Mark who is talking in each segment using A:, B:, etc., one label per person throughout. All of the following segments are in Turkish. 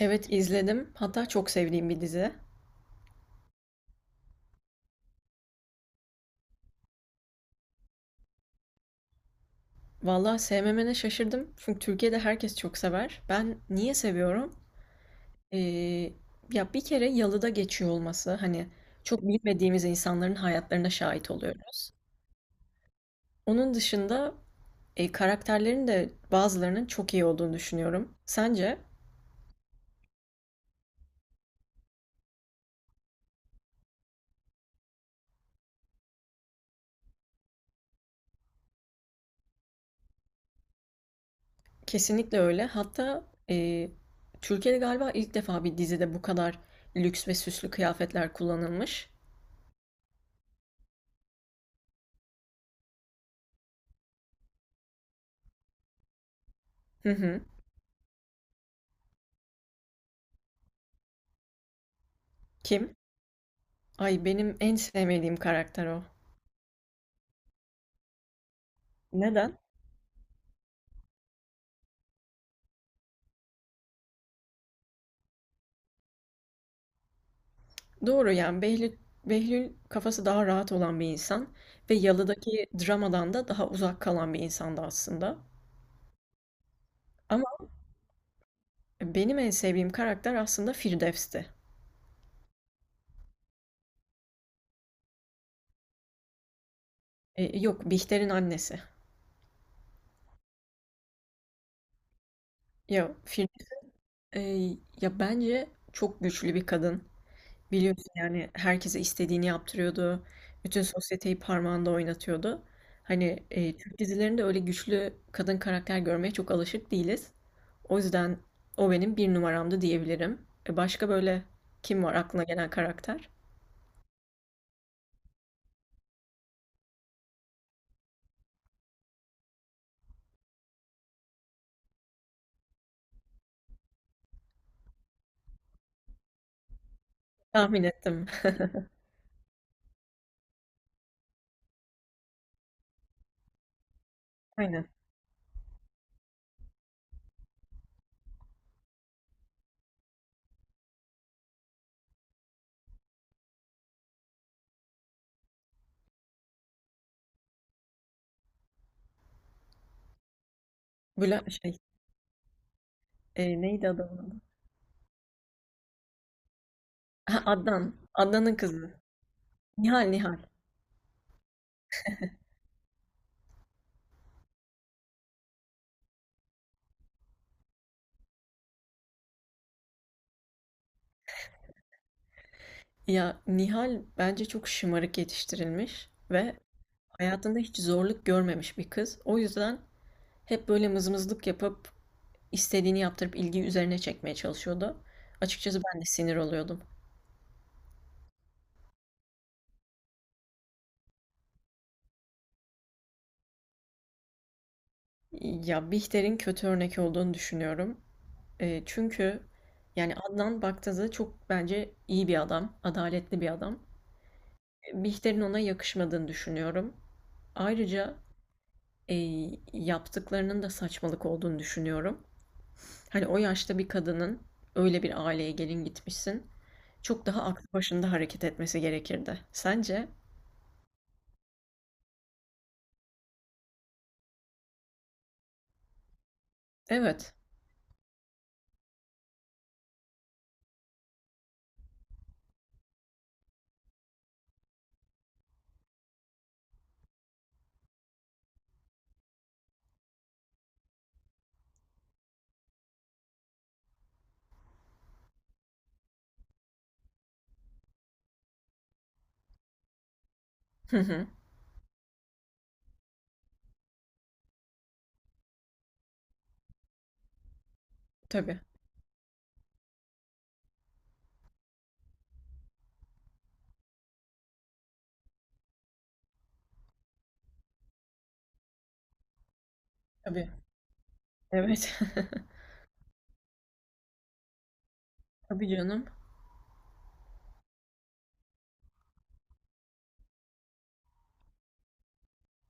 A: Evet, izledim. Hatta çok sevdiğim bir dizi. Valla sevmemene şaşırdım. Çünkü Türkiye'de herkes çok sever. Ben niye seviyorum? Ee, Ya bir kere yalıda geçiyor olması. Hani çok bilmediğimiz insanların hayatlarına şahit oluyoruz. Onun dışında karakterlerin de bazılarının çok iyi olduğunu düşünüyorum. Sence? Kesinlikle öyle. Hatta e, Türkiye'de galiba ilk defa bir dizide bu kadar lüks ve süslü kıyafetler kullanılmış. Hı hı. Kim? Ay benim en sevmediğim karakter o. Neden? Doğru yani Behlül, Behlül kafası daha rahat olan bir insan ve yalıdaki dramadan da daha uzak kalan bir insandı aslında. Ama benim en sevdiğim karakter aslında Firdevs'ti. Yok, Bihter'in annesi. Ya Firdevs e, ya bence çok güçlü bir kadın. Biliyorsun yani herkese istediğini yaptırıyordu. Bütün sosyeteyi parmağında oynatıyordu. Hani Türk dizilerinde öyle güçlü kadın karakter görmeye çok alışık değiliz. O yüzden o benim bir numaramdı diyebilirim. Başka böyle kim var aklına gelen karakter? Tahmin ettim. Aynen. Bula şey neydi adamın adı? Ha, Adnan. Adnan'ın kızı. Nihal, Nihal. Ya Nihal bence çok şımarık yetiştirilmiş ve hayatında hiç zorluk görmemiş bir kız. O yüzden hep böyle mızmızlık yapıp, istediğini yaptırıp ilgiyi üzerine çekmeye çalışıyordu. Açıkçası ben de sinir oluyordum. Ya, Bihter'in kötü örnek olduğunu düşünüyorum. Çünkü yani Adnan baktığında çok bence iyi bir adam, adaletli bir adam. Bihter'in ona yakışmadığını düşünüyorum. Ayrıca, yaptıklarının da saçmalık olduğunu düşünüyorum. Hani o yaşta bir kadının öyle bir aileye gelin gitmişsin, çok daha aklı başında hareket etmesi gerekirdi. Sence? Evet. Tabii, tabii. Evet. Tabii canım.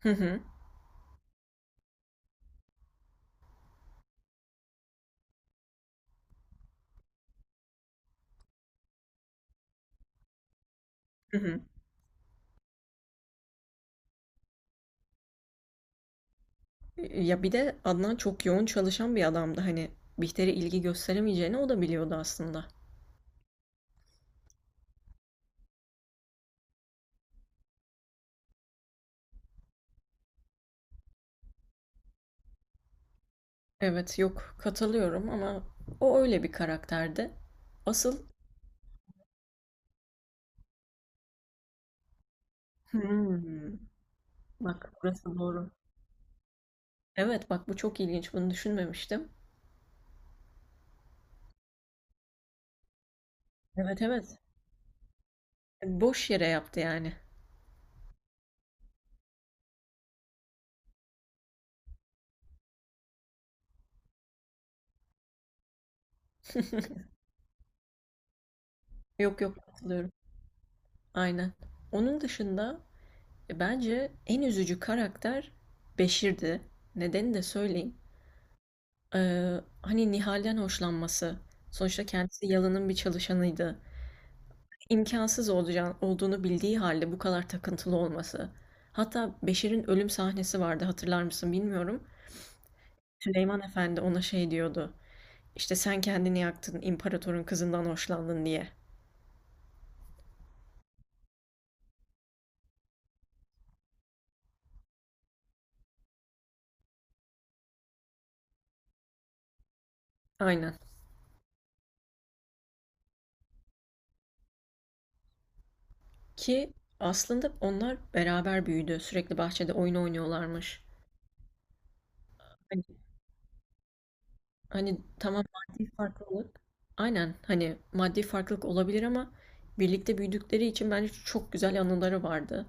A: Hı hı. Hı hı. Ya, bir de Adnan çok yoğun çalışan bir adamdı. Hani, Bihter'e ilgi gösteremeyeceğini o da biliyordu aslında. Evet, yok, katılıyorum ama o öyle bir karakterdi. Asıl. Hımm. Bak, burası doğru. Evet, bak bu çok ilginç. Bunu düşünmemiştim. Evet, evet. E, boş yere yaptı yani. Yok, yok, katılıyorum. Aynen. Onun dışında, bence en üzücü karakter Beşir'di. Nedeni de söyleyeyim. Ee, Hani Nihal'den hoşlanması. Sonuçta kendisi Yalın'ın bir çalışanıydı. İmkansız olacağını, olduğunu bildiği halde bu kadar takıntılı olması. Hatta Beşir'in ölüm sahnesi vardı, hatırlar mısın bilmiyorum. Süleyman Efendi ona şey diyordu. İşte sen kendini yaktın, imparatorun kızından hoşlandın diye. Aynen. Ki aslında onlar beraber büyüdü. Sürekli bahçede oyun oynuyorlarmış. Hani tamam maddi farklılık. Aynen, hani maddi farklılık olabilir ama birlikte büyüdükleri için bence çok güzel anıları vardı.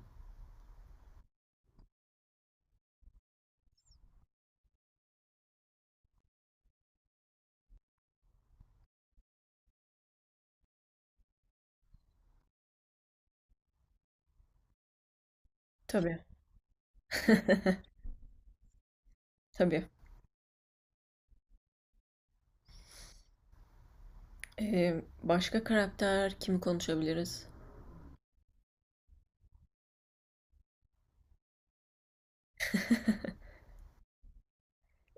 A: Tabii. Tabii. Başka karakter kimi konuşabiliriz?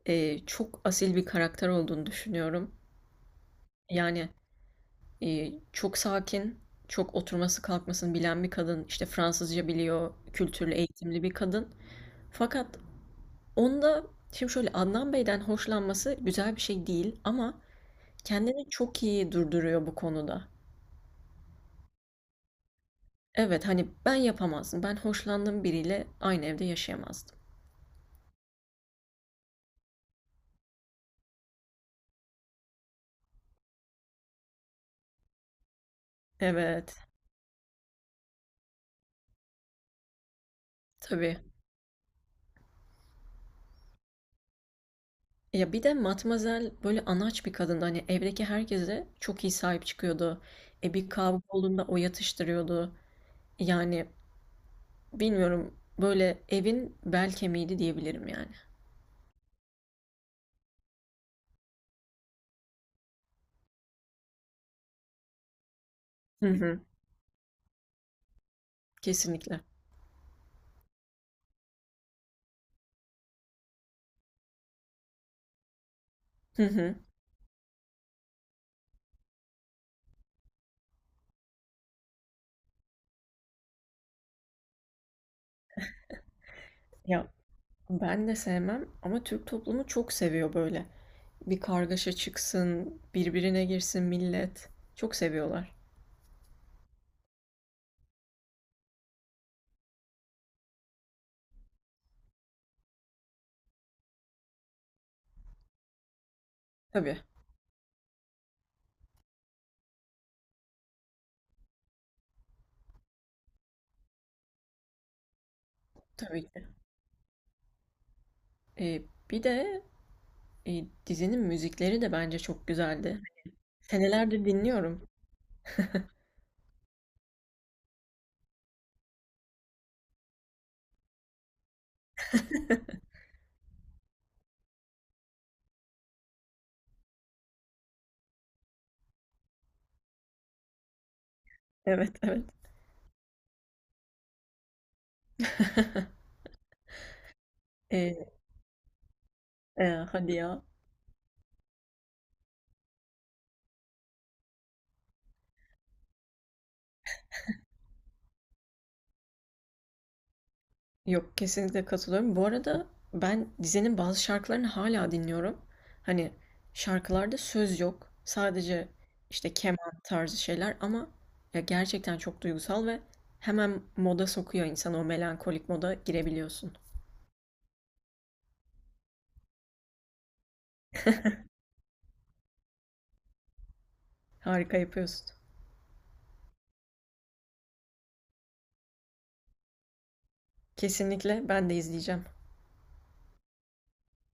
A: Çok asil bir karakter olduğunu düşünüyorum. Yani çok sakin, çok oturması kalkmasını bilen bir kadın. İşte Fransızca biliyor, kültürlü, eğitimli bir kadın. Fakat onda, şimdi şöyle, Adnan Bey'den hoşlanması güzel bir şey değil ama kendini çok iyi durduruyor bu konuda. Evet, hani ben yapamazdım. Ben hoşlandığım biriyle aynı evde yaşayamazdım. Evet, tabii. Ya bir de Matmazel böyle anaç bir kadındı. Hani evdeki herkese çok iyi sahip çıkıyordu. E, bir kavga olduğunda o yatıştırıyordu. Yani bilmiyorum, böyle evin bel kemiğiydi diyebilirim yani. Hı hı, kesinlikle. Hı hı. Ya ben de sevmem ama Türk toplumu çok seviyor böyle. Bir kargaşa çıksın, birbirine girsin millet. Çok seviyorlar. Tabii, tabii ki. Eee, Bir de, dizinin müzikleri de bence çok güzeldi. Senelerdir dinliyorum. Evet, evet. Eee, hadi ya. Yok, kesinlikle katılıyorum. Bu arada ben dizinin bazı şarkılarını hala dinliyorum. Hani şarkılarda söz yok. Sadece, işte, keman tarzı şeyler ama ya gerçekten çok duygusal ve hemen moda sokuyor insanı. O melankolik moda girebiliyorsun. Harika yapıyorsun. Kesinlikle ben de izleyeceğim.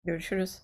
A: Görüşürüz.